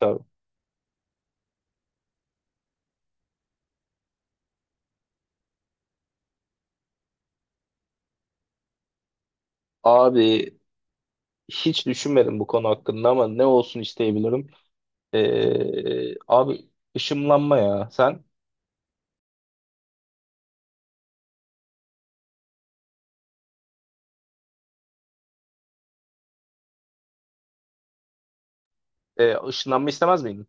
Tabii. Abi hiç düşünmedim bu konu hakkında ama ne olsun isteyebilirim. Abi ışınlanma ya. Sen ışınlanma istemez miydin?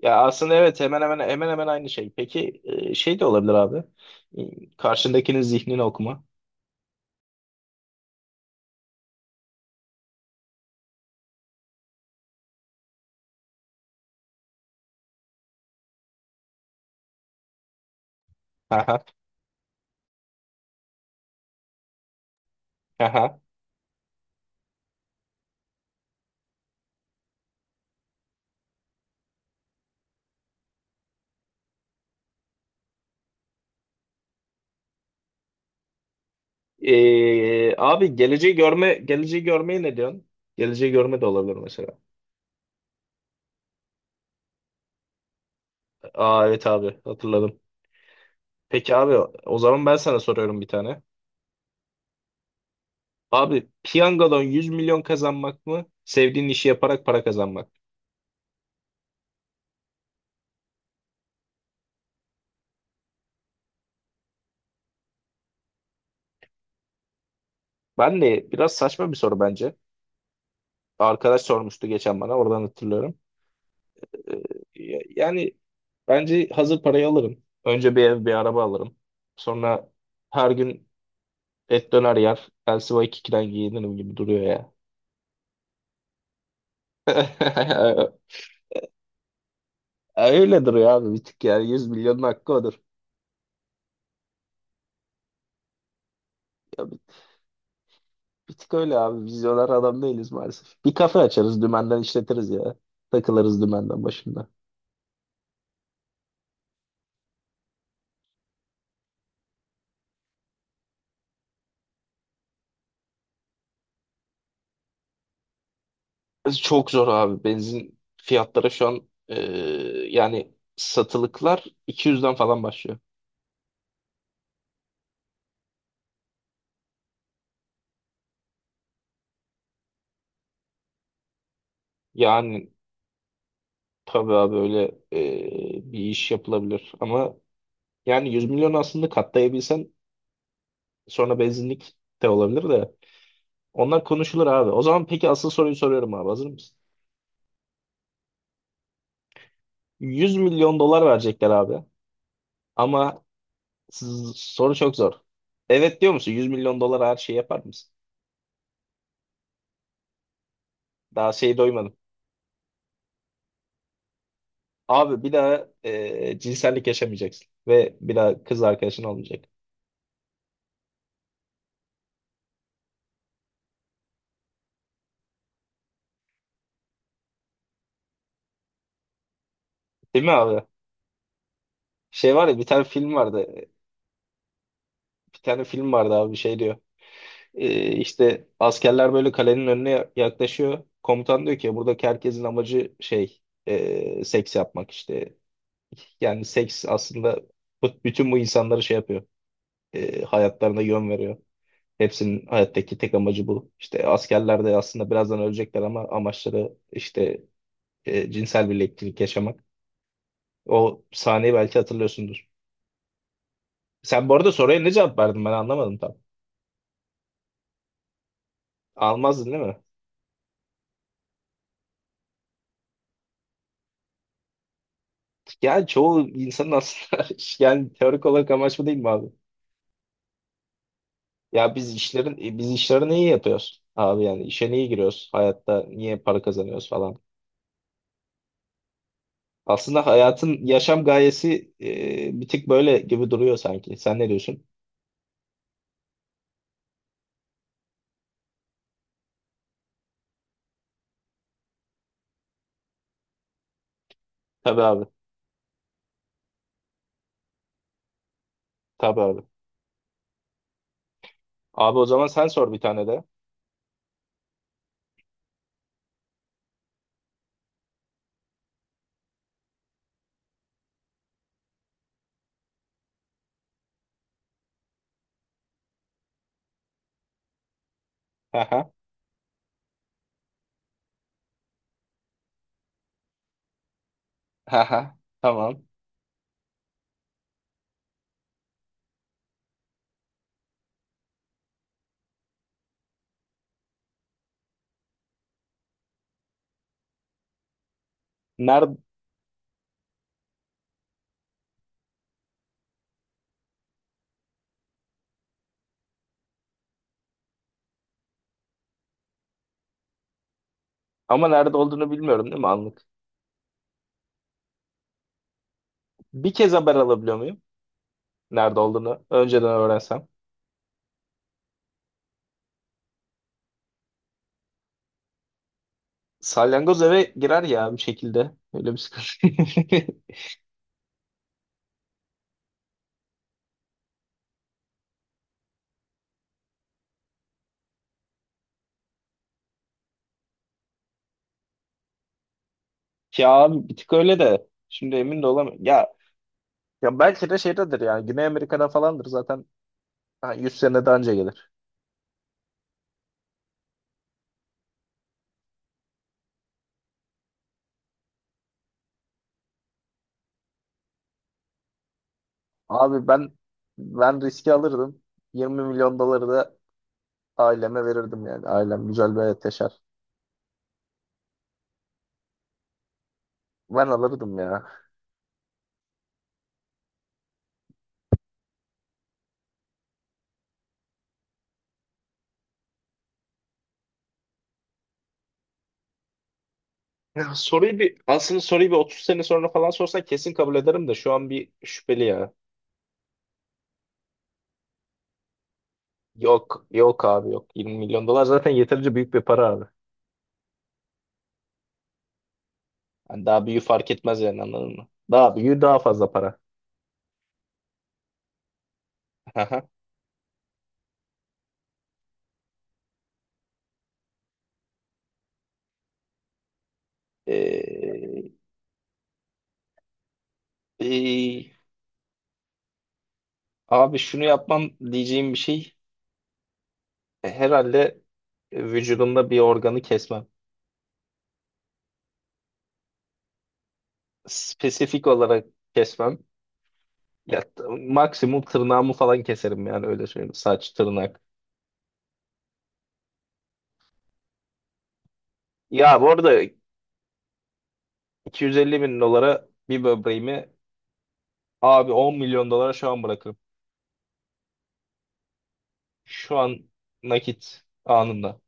Ya aslında evet hemen hemen aynı şey. Peki şey de olabilir abi. Karşındakinin zihnini okuma. Haha, haha. Abi geleceği görme geleceği görmeye ne diyorsun? Geleceği görme de olabilir mesela. Aa, evet abi hatırladım. Peki abi o zaman ben sana soruyorum bir tane. Abi piyangodan 100 milyon kazanmak mı? Sevdiğin işi yaparak para kazanmak. Ben de biraz saçma bir soru bence. Arkadaş sormuştu geçen bana oradan hatırlıyorum. Ee, yani bence hazır parayı alırım. Önce bir ev bir araba alırım. Sonra her gün et döner yer. Elsiva 2'den giyinirim gibi duruyor ya. Öyle duruyor abi bir tık yani 100 milyonun hakkı odur. Ya bir, bir tık öyle abi vizyoner adam değiliz maalesef. Bir kafe açarız dümenden işletiriz ya. Takılırız dümenden başında. Çok zor abi. Benzin fiyatları şu an yani satılıklar 200'den falan başlıyor. Yani tabii abi öyle bir iş yapılabilir. Ama yani 100 milyon aslında katlayabilsen sonra benzinlik de olabilir de. Onlar konuşulur abi. O zaman peki asıl soruyu soruyorum abi. Hazır mısın? 100 milyon dolar verecekler abi. Ama s- soru çok zor. Evet diyor musun? 100 milyon dolar her şeyi yapar mısın? Daha şeyi doymadım. Abi bir daha cinsellik yaşamayacaksın. Ve bir daha kız arkadaşın olmayacak. Değil mi abi? Şey var ya bir tane film vardı. Bir tane film vardı abi şey diyor. İşte askerler böyle kalenin önüne yaklaşıyor. Komutan diyor ki buradaki herkesin amacı şey seks yapmak işte. Yani seks aslında bütün bu insanları şey yapıyor. Hayatlarına yön veriyor. Hepsinin hayattaki tek amacı bu. İşte askerler de aslında birazdan ölecekler ama amaçları işte cinsel birliktelik yaşamak. O sahneyi belki hatırlıyorsundur. Sen bu arada soruya ne cevap verdin ben anlamadım tam. Almazdın değil mi? Yani çoğu insanın aslında yani teorik olarak amaç bu değil mi abi? Ya biz işlerini iyi yapıyoruz abi yani işe niye giriyoruz? Hayatta niye para kazanıyoruz falan. Aslında hayatın yaşam gayesi bir tık böyle gibi duruyor sanki. Sen ne diyorsun? Tabii abi. Tabii abi. Abi o zaman sen sor bir tane de. Haha. Haha. Tamam. Nerede ama nerede olduğunu bilmiyorum değil mi anlık? Bir kez haber alabiliyor muyum? Nerede olduğunu önceden öğrensem. Salyangoz eve girer ya bir şekilde. Öyle bir sıkıntı. Ya abi bir tık öyle de. Şimdi emin de olamıyorum. Ya belki de şeydedir yani. Güney Amerika'da falandır zaten. Ha, 100 sene daha önce gelir. Abi ben riski alırdım. 20 milyon doları da aileme verirdim yani. Ailem güzel bir hayat yaşar. Ben alırdım ya. Ya soruyu bir aslında soruyu bir 30 sene sonra falan sorsan kesin kabul ederim de şu an bir şüpheli ya. Yok yok abi yok. 20 milyon dolar zaten yeterince büyük bir para abi. Yani daha büyüğü fark etmez yani anladın mı? Daha büyüğü daha fazla para. Aha. Ee, ee, e, abi şunu yapmam diyeceğim bir şey. Herhalde vücudumda bir organı kesmem. Spesifik olarak kesmem. Ya, maksimum tırnağımı falan keserim yani öyle söyleyeyim. Saç, tırnak. Ya bu arada 250 bin dolara bir böbreğimi abi 10 milyon dolara şu an bırakırım. Şu an nakit anında.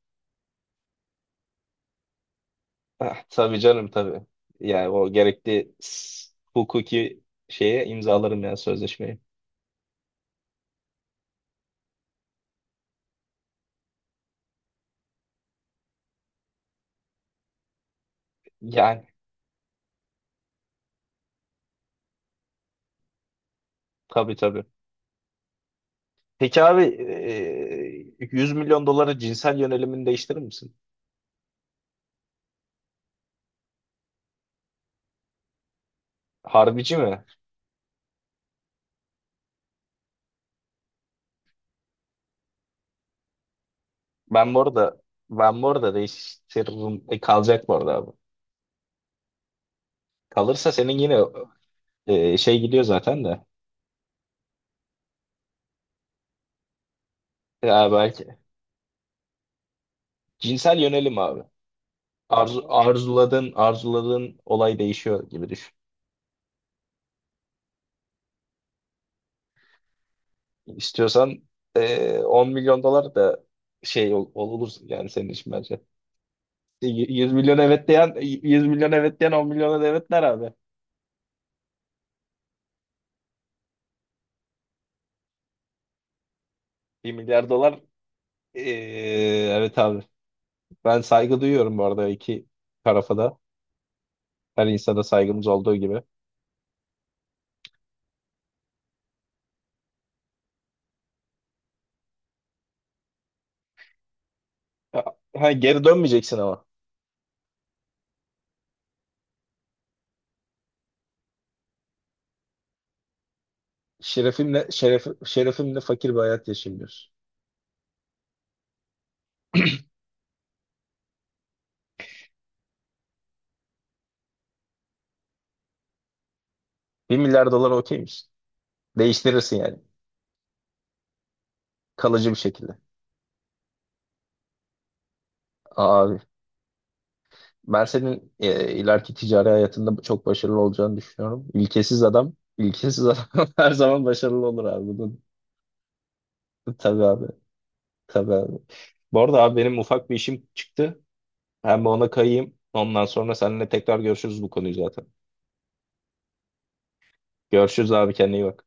Ah, tabii canım tabii. Yani o gerekli hukuki şeye imzalarım yani sözleşmeyi. Yani tabii tabii. Peki abi 100 milyon dolara cinsel yönelimini değiştirir misin? Harbici mi? Ben bu arada ben bu arada değiştiririm. Kalacak bu arada abi. Kalırsa senin yine şey gidiyor zaten de. Ya belki. Cinsel yönelim abi. Arzuladığın olay değişiyor gibi düşün. İstiyorsan 10 milyon dolar da şey olur yani senin için bence. 100 milyon evet diyen 10 milyona da evet der abi. 1 milyar dolar evet abi. Ben saygı duyuyorum bu arada iki tarafa da. Her insana saygımız olduğu gibi. Ya, Ha, geri dönmeyeceksin ama. Şerefimle fakir bir hayat yaşayayım diyorsun. 1 milyar dolar okey misin? Değiştirirsin yani. Kalıcı bir şekilde. Abi ben senin ileriki ticari hayatında çok başarılı olacağını düşünüyorum. İlkesiz adam, ilkesiz adam her zaman başarılı olur abi. Bunu, tabii abi, tabii abi. Bu arada abi benim ufak bir işim çıktı. Ben bir ona kayayım. Ondan sonra seninle tekrar görüşürüz bu konuyu zaten. Görüşürüz abi kendine iyi bak.